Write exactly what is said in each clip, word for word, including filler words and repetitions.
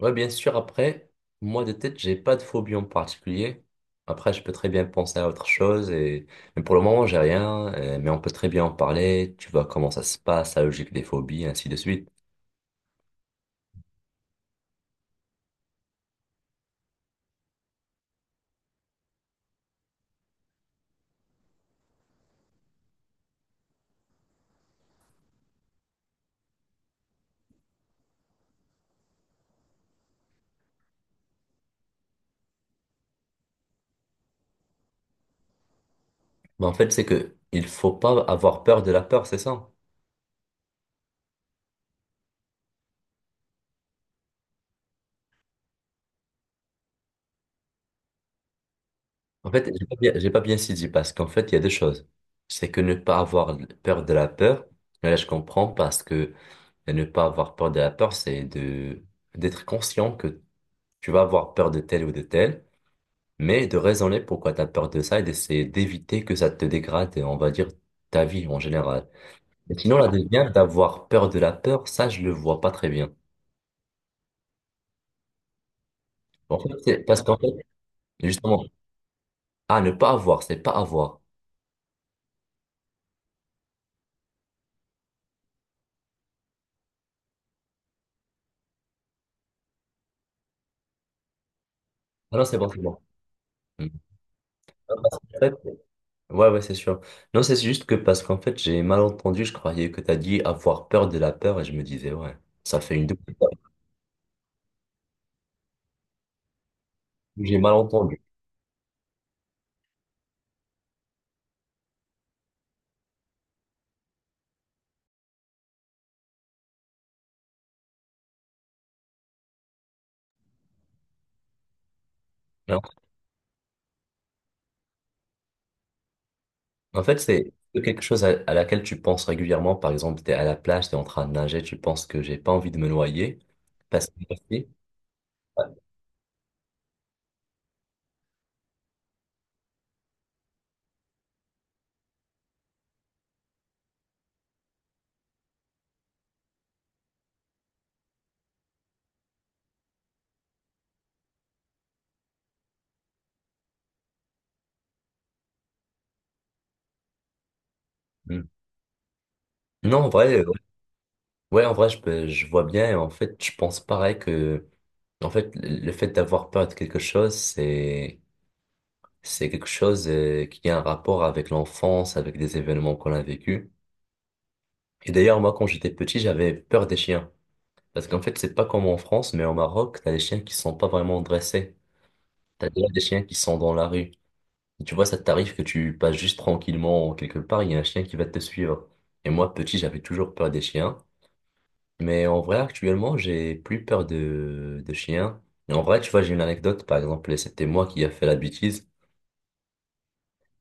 Ouais, bien sûr. Après, moi de tête, j'ai pas de phobie en particulier. Après, je peux très bien penser à autre chose et mais pour le moment, j'ai rien, euh, mais on peut très bien en parler, tu vois comment ça se passe, la logique des phobies, ainsi de suite. Mais en fait, c'est que il faut pas avoir peur de la peur, c'est ça. En fait, j'ai pas bien, j'ai pas bien saisi parce qu'en fait, il y a deux choses. C'est que ne pas avoir peur de la peur, et là, je comprends parce que ne pas avoir peur de la peur, c'est de d'être conscient que tu vas avoir peur de tel ou de tel, mais de raisonner pourquoi t'as peur de ça et d'essayer d'éviter que ça te dégrade, on va dire, ta vie en général. Mais sinon, la deuxième, d'avoir peur de la peur, ça, je le vois pas très bien. En fait, c'est parce qu'en fait, justement, ah, ne pas avoir, c'est pas avoir. Ah non, c'est bon, c'est bon. Hmm. Non, parce qu'en fait, ouais, ouais, c'est sûr. Non, c'est juste que parce qu'en fait, j'ai mal entendu, je croyais que t'as dit avoir peur de la peur et je me disais, ouais, ça fait une double. J'ai mal entendu. Ah, en fait, c'est quelque chose à, à laquelle tu penses régulièrement. Par exemple, tu es à la plage, tu es en train de nager, tu penses que j'ai pas envie de me noyer. Parce que ouais. Mm. Non, en vrai, euh, ouais, en vrai, je, peux- je vois bien. Et en fait, je pense pareil que, en fait, le le fait d'avoir peur de quelque chose, c'est, c'est quelque chose euh, qui a un rapport avec l'enfance, avec des événements qu'on a vécus. Et d'ailleurs, moi, quand j'étais petit, j'avais peur des chiens. Parce qu'en fait, c'est pas comme en France, mais au Maroc, t'as des chiens qui sont pas vraiment dressés. T'as déjà des chiens qui sont dans la rue. Et tu vois, ça t'arrive que tu passes juste tranquillement quelque part, il y a un chien qui va te suivre. Et moi, petit, j'avais toujours peur des chiens. Mais en vrai, actuellement, j'ai plus peur de, de chiens. Et en vrai, tu vois, j'ai une anecdote, par exemple, et c'était moi qui a fait la bêtise.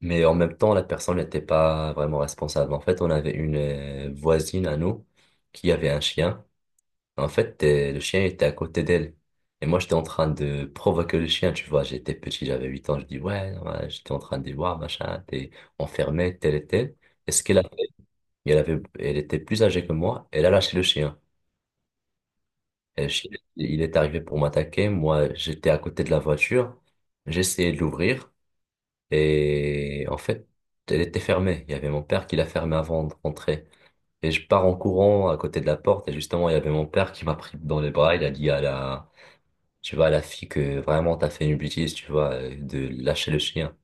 Mais en même temps, la personne n'était pas vraiment responsable. En fait, on avait une euh, voisine à nous qui avait un chien. En fait, euh, le chien était à côté d'elle. Et moi, j'étais en train de provoquer le chien, tu vois. J'étais petit, j'avais huit ans. Je dis, ouais, ouais, j'étais en train de dire, ouais, machin, t'es enfermé, tel et tel. Et ce qu'elle a fait, elle avait, elle était plus âgée que moi. Elle a lâché le chien. Et le chien, il est arrivé pour m'attaquer. Moi, j'étais à côté de la voiture. J'essayais de l'ouvrir. Et en fait, elle était fermée. Il y avait mon père qui l'a fermée avant de rentrer. Et je pars en courant à côté de la porte. Et justement, il y avait mon père qui m'a pris dans les bras. Il a dit à la, tu vois, la fille que vraiment t'as fait une bêtise, tu vois, euh, de lâcher le chien.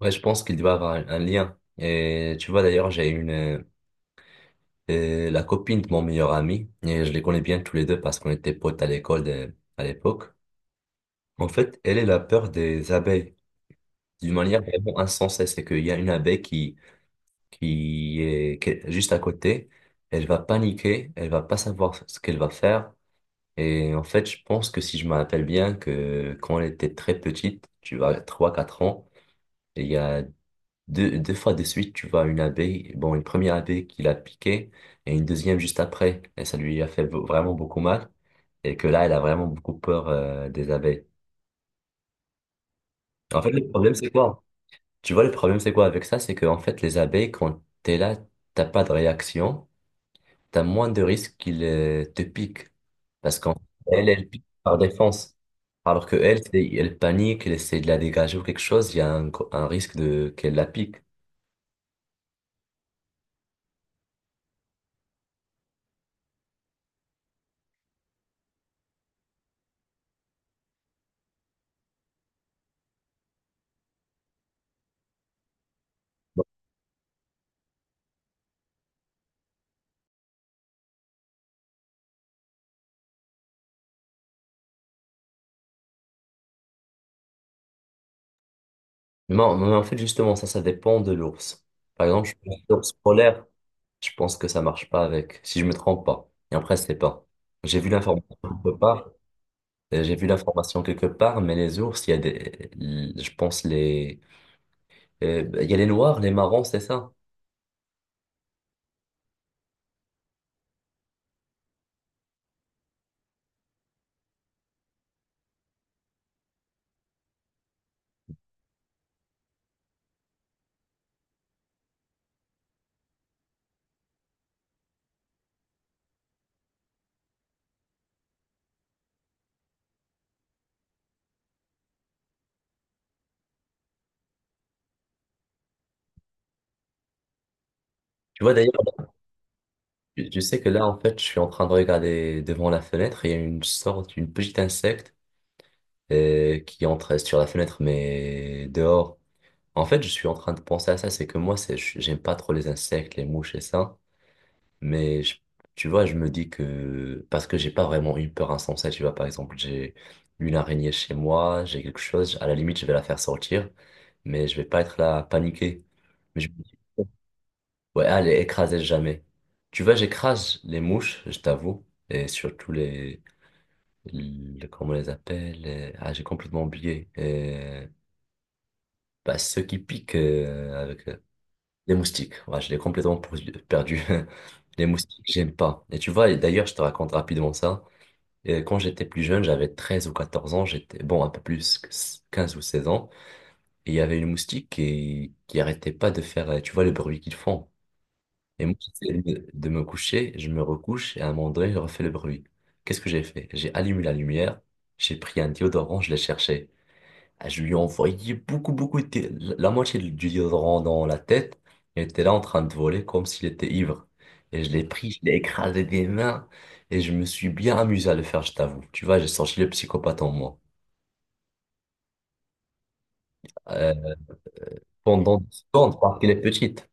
Ouais, je pense qu'il doit avoir un, un lien. Et tu vois, d'ailleurs, j'ai une, euh, euh, la copine de mon meilleur ami, et je les connais bien tous les deux parce qu'on était potes à l'école de- à l'époque. En fait, elle, elle a peur des abeilles d'une manière vraiment insensée. C'est qu'il y a une abeille qui, qui est qui est juste à côté, elle va paniquer, elle va pas savoir ce qu'elle va faire. Et en fait, je pense que si je me rappelle bien que quand elle était très petite, tu vois, trois quatre ans, il y a deux, deux fois de suite, tu vois, une abeille, bon, une première abeille qui l'a piqué et une deuxième juste après. Et ça lui a fait v- vraiment beaucoup mal. Et que là, elle a vraiment beaucoup peur, euh, des abeilles. En fait, le problème, c'est quoi? Tu vois, le problème, c'est quoi avec ça? C'est que, en fait, les abeilles, quand t'es là, t'as pas de réaction. T'as moins de risques qu'il euh, te pique. Parce qu'en Elle, elle pique par défense. Alors que elle, c'est- elle panique, elle essaie de la dégager ou quelque chose, il y a un, gro- un risque de qu'elle la pique. Mais, en mais en fait, justement, ça, ça dépend de l'ours. Par exemple, je pense que l'ours polaire, je pense que ça marche pas avec, si je me trompe pas. Et après, c'est pas. J'ai vu l'information quelque part, euh, j'ai vu l'information quelque part, mais les ours, il y a des, je pense les, euh, il y a les noirs, les marrons, c'est ça. Tu vois d'ailleurs. Tu tu sais que là, en fait, je suis en train de regarder devant la fenêtre. Il y a une sorte, une petite insecte euh, qui entre sur la fenêtre, mais dehors. En fait, je suis en train de penser à ça. C'est que moi, c'est, je- j'aime pas trop les insectes, les mouches et ça. Mais je- tu vois, je me dis que parce que j'ai pas vraiment une peur insensée. Tu vois, par exemple, j'ai une araignée chez moi, j'ai quelque chose. À la limite, je vais la faire sortir, mais je vais pas être là à paniquer. Mais je me dis, ouais, à les écraser jamais. Tu vois, j'écrase les mouches, je t'avoue, et surtout les, les- comment on les appelle, les- ah, j'ai complètement oublié, et bah, ceux qui piquent euh, avec euh, les moustiques. Ouais, je l'ai complètement pour- perdu. Les moustiques, j'aime pas. Et tu vois, et d'ailleurs, je te raconte rapidement ça. Et quand j'étais plus jeune, j'avais treize ou quatorze ans, j'étais, bon, un peu plus, que quinze ou seize ans, et il y avait une moustique qui, qui arrêtait pas de faire, euh, tu vois, le bruit qu'ils font. Et moi, j'essaie de me de me coucher, je me recouche et à un moment donné, je refais le bruit. Qu'est-ce que j'ai fait? J'ai allumé la lumière, j'ai pris un déodorant, je l'ai cherché. Ah, je lui ai envoyé beaucoup, beaucoup de dé- la moitié du déodorant dans la tête. Il était là en train de voler comme s'il était ivre. Et je l'ai pris, je l'ai écrasé des mains et je me suis bien amusé à le faire, je t'avoue. Tu vois, j'ai sorti le psychopathe en moi. Euh, pendant dix secondes, parce qu'elle est petite.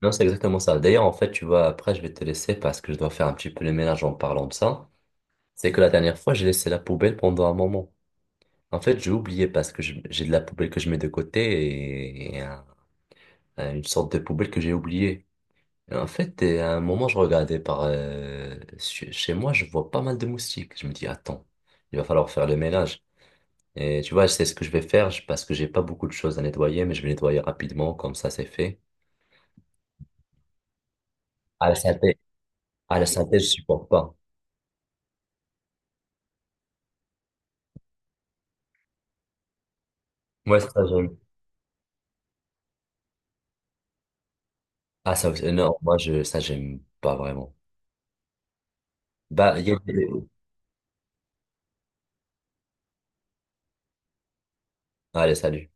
Non, c'est exactement ça. D'ailleurs, en fait, tu vois, après, je vais te laisser parce que je dois faire un petit peu le ménage en parlant de ça. C'est que la dernière fois, j'ai laissé la poubelle pendant un moment. En fait, j'ai oublié parce que je- j'ai de la poubelle que je mets de côté et, un- un- une sorte de poubelle que j'ai oubliée. Et en fait, et à un moment, je regardais par euh, su- chez moi, je vois pas mal de moustiques. Je me dis, attends, il va falloir faire le ménage. Et tu vois, c'est ce que je vais faire je- parce que j'ai pas beaucoup de choses à nettoyer, mais je vais nettoyer rapidement, comme ça, c'est fait. À la synthé, à la synthèse, je supporte pas. Moi, ça, j'aime. Ah, ça, non, moi, je, ça, j'aime pas vraiment. Bah, il y a... Allez, salut.